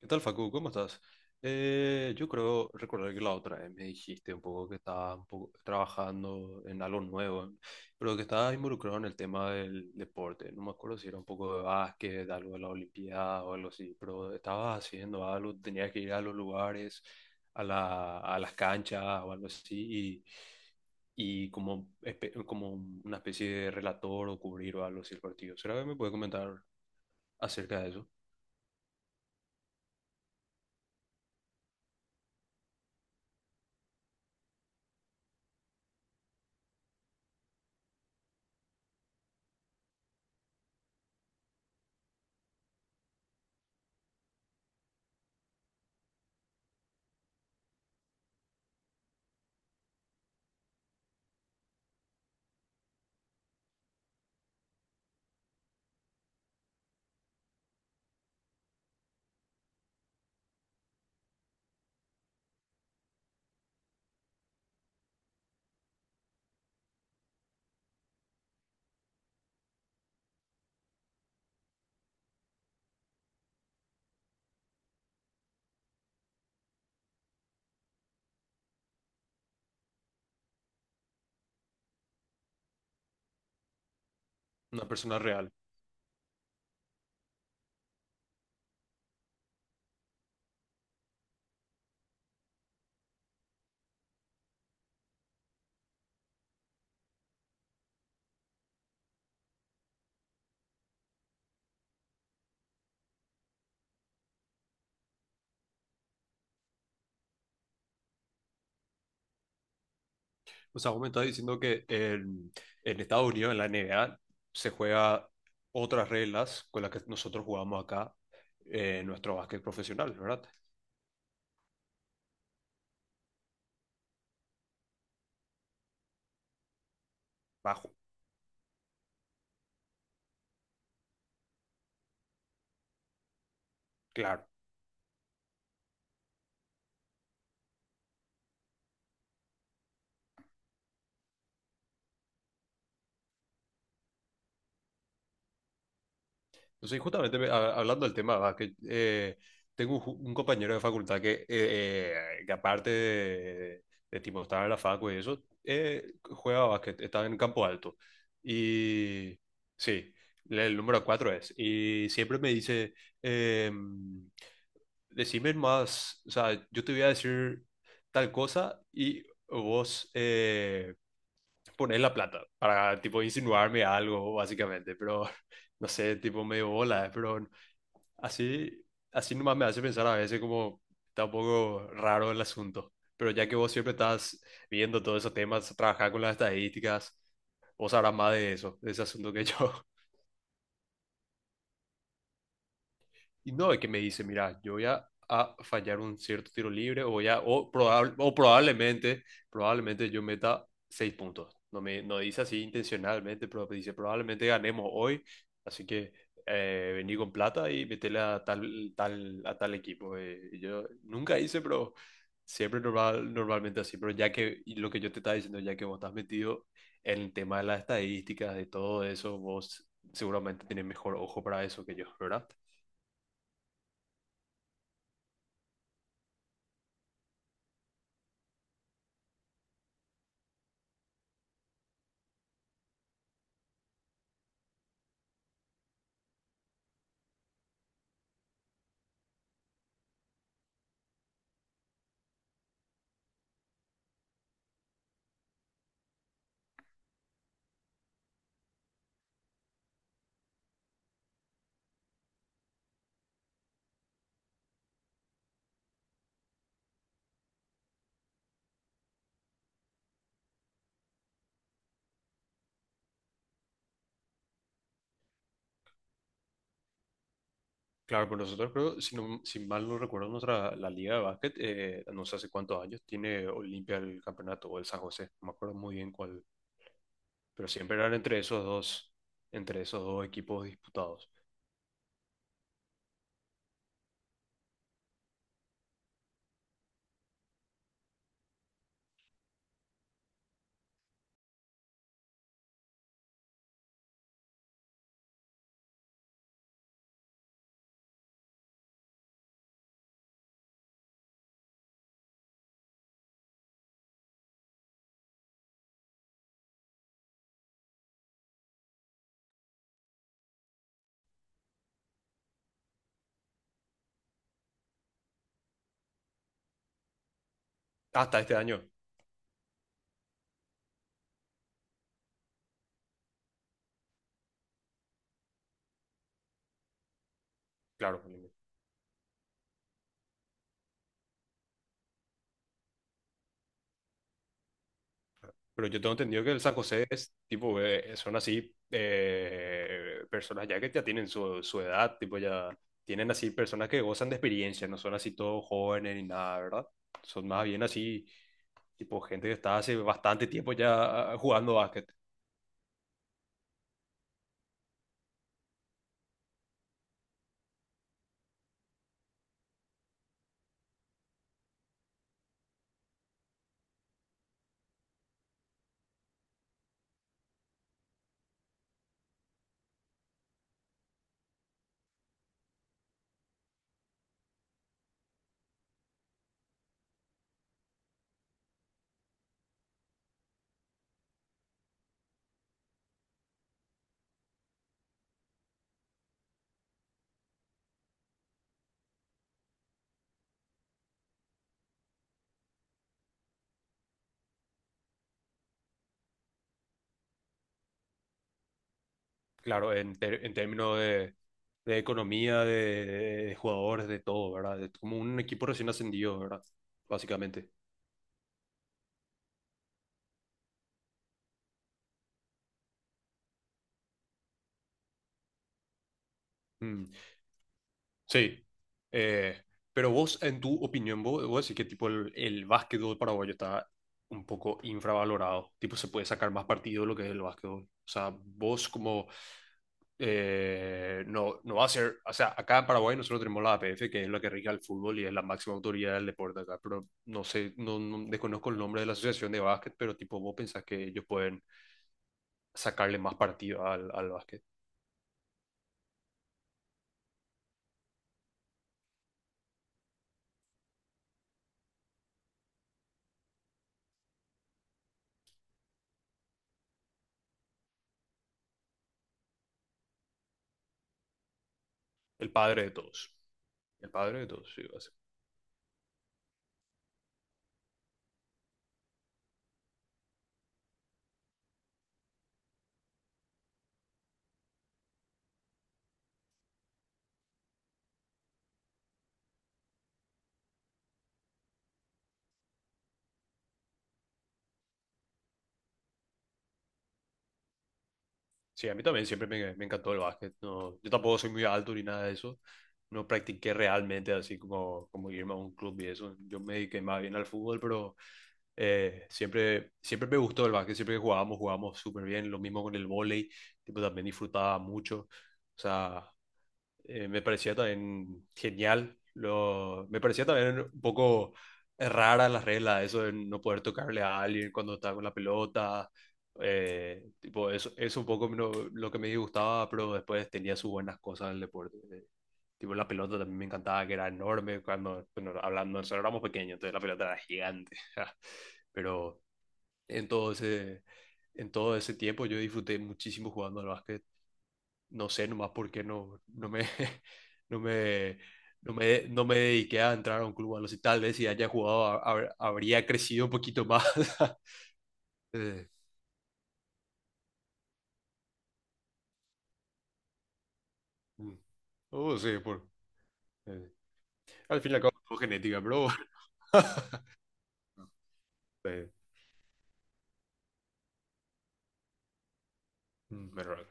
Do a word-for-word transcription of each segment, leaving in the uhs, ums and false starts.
¿Qué tal, Facu? ¿Cómo estás? Eh, yo creo recordar que la otra vez me dijiste un poco que estabas un poco trabajando en algo nuevo, pero que estabas involucrado en el tema del deporte. No me acuerdo si era un poco de básquet, de algo de la Olimpiada o algo así, pero estabas haciendo algo, tenías que ir a los lugares, a la- a las canchas o algo así, y, y como, espe- como una especie de relator o cubrir o algo así el partido. ¿Será que me puedes comentar acerca de eso? Una persona real. O sea, vos me estás diciendo que en, en Estados Unidos, en la N B A, se juega otras reglas con las que nosotros jugamos acá, eh, en nuestro básquet profesional, ¿verdad? Bajo, claro. Entonces, justamente me- a- hablando del tema de básquet, eh, tengo un, ju- un compañero de facultad que, eh, eh, que aparte de, de tipo estar en la facu y eso, eh, juega básquet, está en Campo Alto. Y sí, el número cuatro es. Y siempre me dice... em, decime más, o sea, yo te voy a decir tal cosa y vos eh, ponés la plata para, tipo, insinuarme algo, básicamente, pero no sé, tipo, medio bola, eh, pero así, así nomás me hace pensar a veces como está un poco raro el asunto, pero ya que vos siempre estás viendo todos esos temas, trabajar con las estadísticas, vos sabrás más de eso, de ese asunto que yo. Y no, es que me dice, mira, yo voy a, a fallar un cierto tiro libre o, voy a- o, probable- o probablemente, probablemente yo meta seis puntos. No me no dice así intencionalmente, pero me dice, probablemente ganemos hoy, así que eh, vení con plata y metele a tal, tal, a tal equipo. eh. Y yo nunca hice, pero siempre normal, normalmente así. Pero ya que y lo que yo te estaba diciendo, ya que vos estás metido en el tema de las estadísticas, de todo eso, vos seguramente tenés mejor ojo para eso que yo, ¿verdad? Claro, pues nosotros creo, si, no- si mal no recuerdo, nuestra, la liga de básquet, eh, no sé hace cuántos años, tiene Olimpia el campeonato o el San José, no me acuerdo muy bien cuál, pero siempre eran entre esos dos, entre esos dos equipos disputados. Hasta este año, claro. Pero yo tengo entendido que el San José es tipo, eh, son así eh, personas ya que ya tienen su, su edad, tipo ya tienen así personas que gozan de experiencia, no son así todos jóvenes ni nada, ¿verdad? Son más bien así, tipo gente que está hace bastante tiempo ya jugando básquet. Claro, en, ter- en términos de, de economía, de, de jugadores, de todo, ¿verdad? Es como un equipo recién ascendido, ¿verdad? Básicamente. Mm. Sí. Eh, pero vos, en tu opinión, vos, vos decís que tipo el, el básquetbol paraguayo está un poco infravalorado. Tipo, se puede sacar más partido de lo que es el básquetbol. O sea, vos como eh, no, no va a ser. O sea, acá en Paraguay nosotros tenemos la A P F, que es la que rige el fútbol y es la máxima autoridad del deporte acá. Pero no sé, no, no- desconozco el nombre de la asociación de básquet, pero tipo, vos pensás que ellos pueden sacarle más partido al, al básquet. El padre de todos. El padre de todos, sí. Sí, a mí también siempre me, me encantó el básquet. No, yo tampoco soy muy alto ni nada de eso. No practiqué realmente así como, como irme a un club y eso. Yo me dediqué más bien al fútbol, pero eh, siempre, siempre me gustó el básquet. Siempre que jugábamos, jugábamos súper bien. Lo mismo con el vóley. Tipo, también disfrutaba mucho. O sea, eh, me parecía también genial. Lo, me parecía también un poco rara las reglas, eso de no poder tocarle a alguien cuando está con la pelota, eh, tipo, eso es un poco lo, lo que me disgustaba, pero después tenía sus buenas cosas en el deporte. Eh, Tipo, la pelota también me encantaba, que era enorme. Cuando, bueno, hablando, nosotros éramos pequeños, entonces la pelota era gigante. Pero en todo ese, en todo ese tiempo yo disfruté muchísimo jugando al básquet. No sé nomás por qué no, no me, no me, no me, no me dediqué a entrar a un club. A los tal vez si haya jugado, ha- ha- habría crecido un poquito más. Eh, mm. Oh, sí, por, eh, al fin y al cabo, no genética, pero bueno, pues, mm, pero bueno,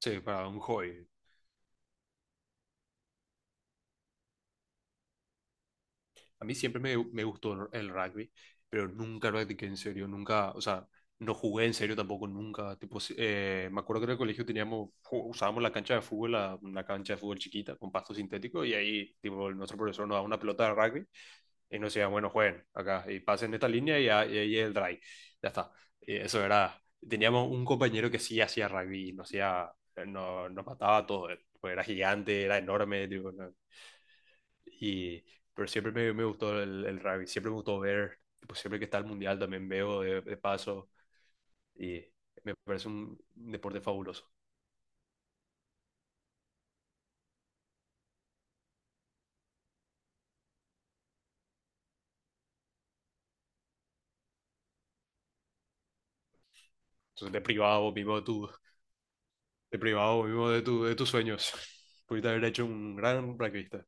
sí, para un hobby. A mí siempre me, me gustó el rugby, pero nunca practiqué en serio, nunca, o sea, no jugué en serio tampoco, nunca. Tipo, si- eh, me acuerdo que en el colegio teníamos, ju- usábamos la cancha de fútbol, la- una cancha de fútbol chiquita con pasto sintético, y ahí, tipo, nuestro profesor nos daba una pelota de rugby y nos decían, bueno, jueguen acá y pasen esta línea y, ahí el drive. Ya está. Y eso era. Teníamos un compañero que sí hacía rugby, nos, hacía, no, nos mataba todo. Pues era gigante, era enorme. Tipo, no- Y, pero siempre me, me gustó el, el rugby, siempre me gustó ver. Pues siempre que está el mundial también veo de, de paso y me parece un deporte fabuloso. Entonces, te privaba vos mismo de tu, te privaba vos mismo de, tu, de tus sueños. Pudiste haber hecho un gran rugbyista.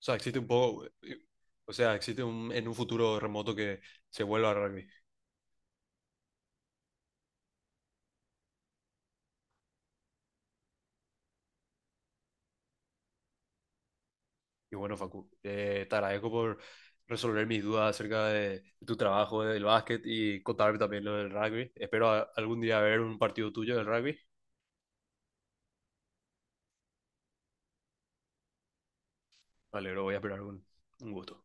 O sea, existe un poco, eh, o sea, existe un, en un futuro remoto que se vuelva a rugby. Y bueno, Facu, eh, te agradezco por resolver mis dudas acerca de, de tu trabajo del básquet y contarme también lo del rugby. Espero a- algún día ver un partido tuyo del rugby. Vale, lo voy a esperar con un gusto.